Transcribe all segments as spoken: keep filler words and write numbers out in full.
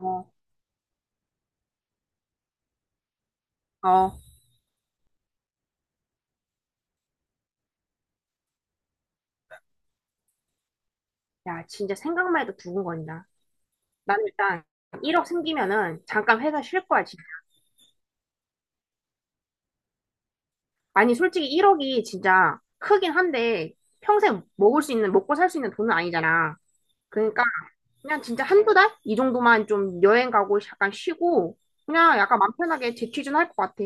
어, 어, 야, 진짜 생각만 해도 두근거린다. 나는 일단 일 억 생기면은 잠깐 회사 쉴 거야, 진짜. 아니, 솔직히 일 억이 진짜 크긴 한데 평생 먹을 수 있는, 먹고 살 수 있는 돈은 아니잖아. 그러니까 그냥 진짜 한두 달? 이 정도만 좀 여행 가고 잠깐 쉬고 그냥 약간 맘 편하게 재취준할 것 같아.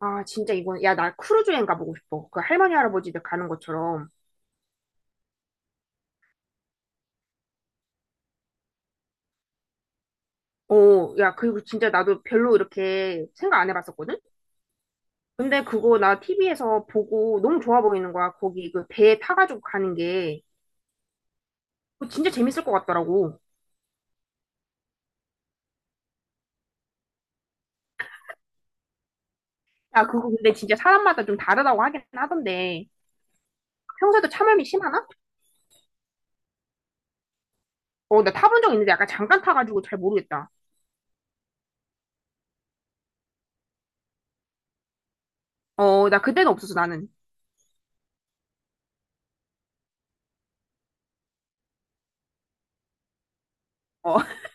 아, 진짜 이건, 야, 나 크루즈 여행 가보고 싶어. 그 할머니, 할아버지들 가는 것처럼. 어, 야, 그리고 진짜 나도 별로 이렇게 생각 안 해봤었거든? 근데 그거 나 티비에서 보고 너무 좋아 보이는 거야. 거기 그 배에 타가지고 가는 게. 그거 진짜 재밌을 것 같더라고. 야, 그거 근데 진짜 사람마다 좀 다르다고 하긴 하던데. 평소에도 참음이 심하나? 어, 나 타본 적 있는데 약간 잠깐 타가지고 잘 모르겠다. 어, 나 그때는 없었어, 나는. 어,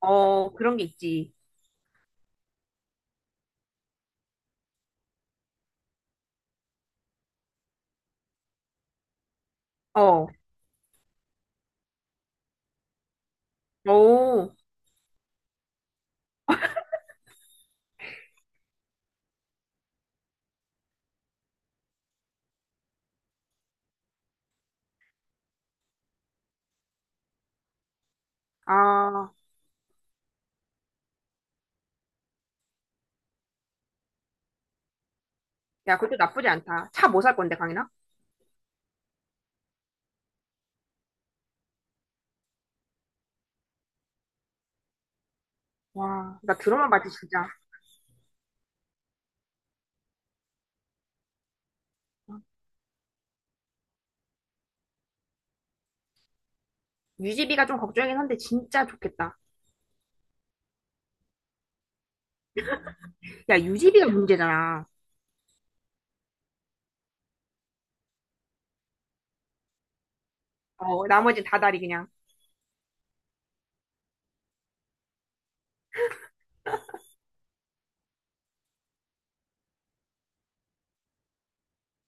어, 그런 게 있지. 어, 오, 아, 야, 그것도 나쁘지 않다. 차 뭐 살 건데, 강인아? 와, 나 들어만 봐도 진짜. 유지비가 좀 걱정이긴 한데 진짜 좋겠다. 야, 유지비가 문제잖아. 어, 나머지 다 다리 그냥.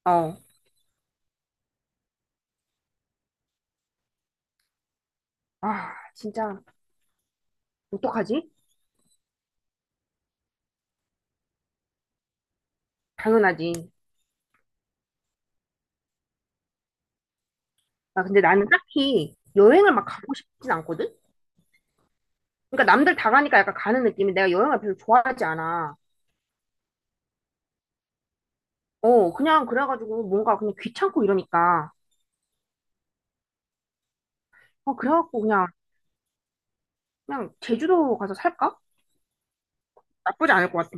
어. 아, 진짜, 어떡하지? 당연하지. 아, 근데 나는 딱히 여행을 막 가고 싶진 않거든? 그러니까 남들 다 가니까 약간 가는 느낌이 내가 여행을 별로 좋아하지 않아. 어, 그냥 그래가지고 뭔가 그냥 귀찮고 이러니까. 어, 그래갖고 그냥, 그냥 제주도 가서 살까? 나쁘지 않을 것 같아.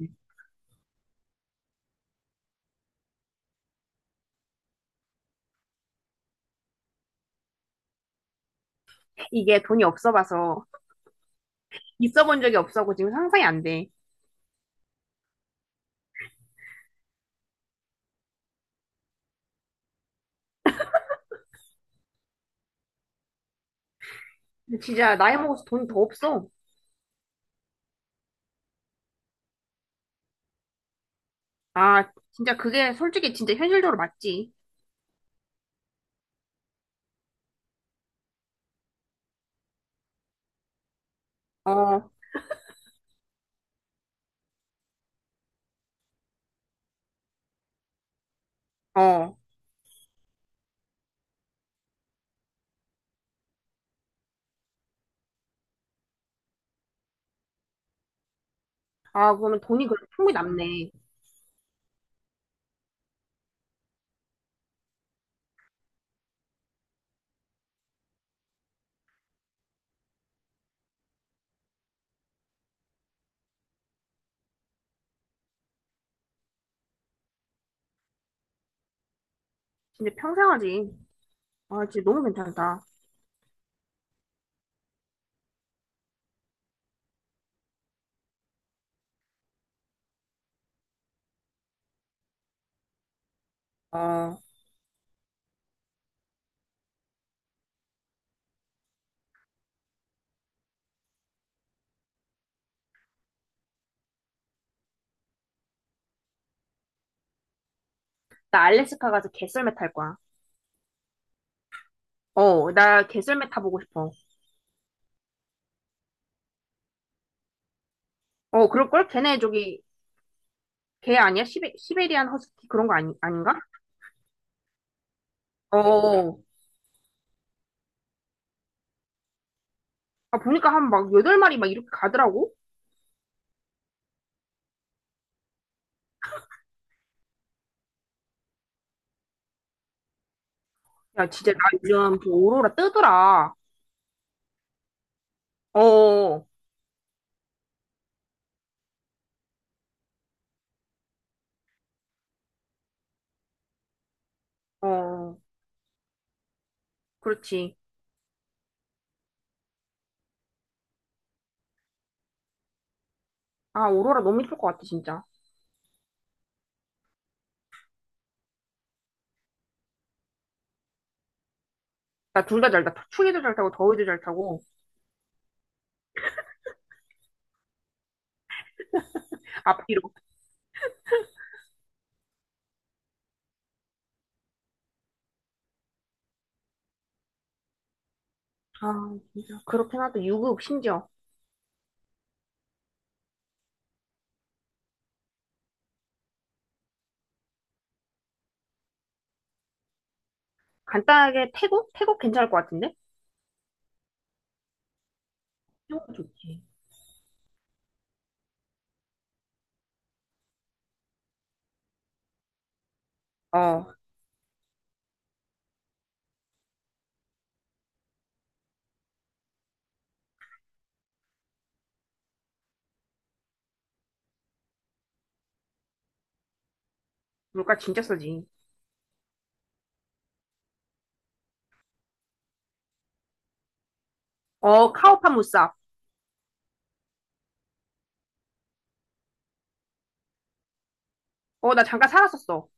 이게 돈이 없어 봐서, 있어 본 적이 없어고 지금 상상이 안 돼. 근데 진짜 나이 먹어서 돈이 더 없어. 아, 진짜 그게 솔직히 진짜 현실적으로 맞지. 어, 어. 아, 그러면 돈이 그래도 충분히 남네. 진짜 평생 하지. 아, 진짜 너무 괜찮다. 어, 나 알래스카 가서 개썰매 탈 거야. 어, 나 개썰매 타보고 싶어. 어, 그럴걸? 걔네 저기, 걔 아니야? 시베, 시베리안 허스키 그런 거 아니, 아닌가? 어, 아, 보니까 한 막 여덟 마리 막 이렇게 가더라고? 야, 진짜 나 요즘 그 오로라 뜨더라. 어, 어, 그렇지. 아, 오로라 너무 이쁠 것 같아, 진짜. 나 둘 다 잘 타. 추위도 잘 타고, 더위도 잘 타고, 앞뒤로. 아, 진짜. 그렇긴 하다. 유급, 심지어. 간단하게 태국? 태국 괜찮을 것 같은데? 태국 좋지. 어, 물가 진짜 싸지. 어, 카오판 무쌉. 어, 나 잠깐 살았었어.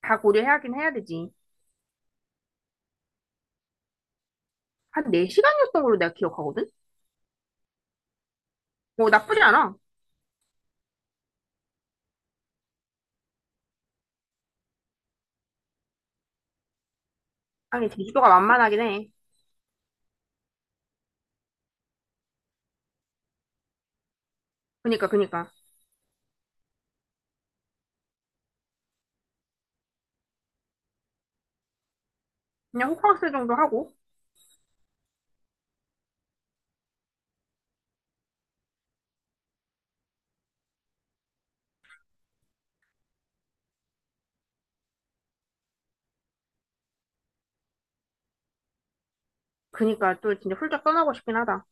다 고려해야긴 해야 되지. 한 네 시간이었던 걸로 내가 기억하거든? 어, 나쁘지 않아. 아니, 제주도가 만만하긴 해. 그니까, 그니까. 그냥 호캉스 정도 하고. 그니까 또 진짜 훌쩍 떠나고 싶긴 하다.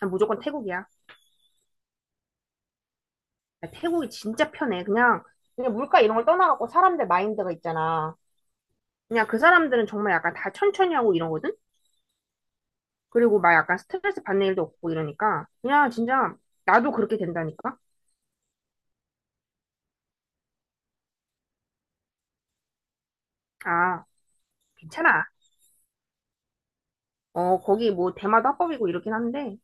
난 무조건 태국이야. 야, 태국이 진짜 편해. 그냥, 그냥 물가 이런 걸 떠나갖고 사람들 마인드가 있잖아. 그냥 그 사람들은 정말 약간 다 천천히 하고 이러거든? 그리고 막 약간 스트레스 받는 일도 없고 이러니까. 그냥 진짜 나도 그렇게 된다니까? 아, 괜찮아. 어, 거기 뭐 대마도 합법이고 이렇긴 한데,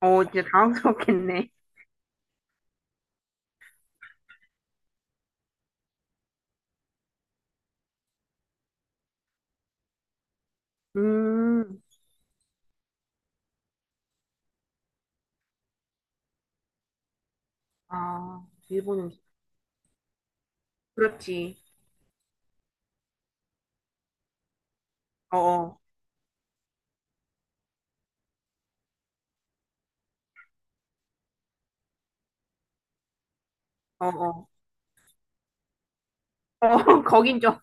어, 진짜 당황스럽겠네. 음, 아, 일본 음식. 그렇지. 어, 어, 어, 어, 어, 거긴 좀,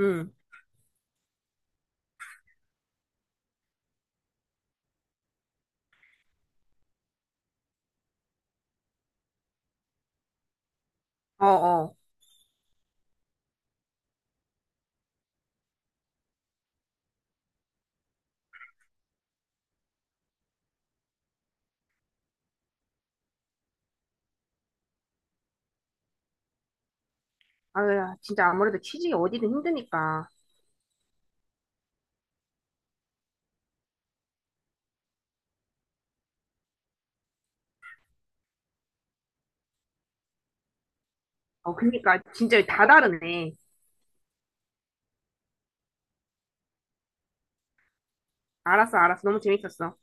음, 어, 어. 아유, 진짜 아무래도 취직이 어디든 힘드니까. 어, 그니까 진짜 다 다르네. 알았어, 알았어. 너무 재밌었어.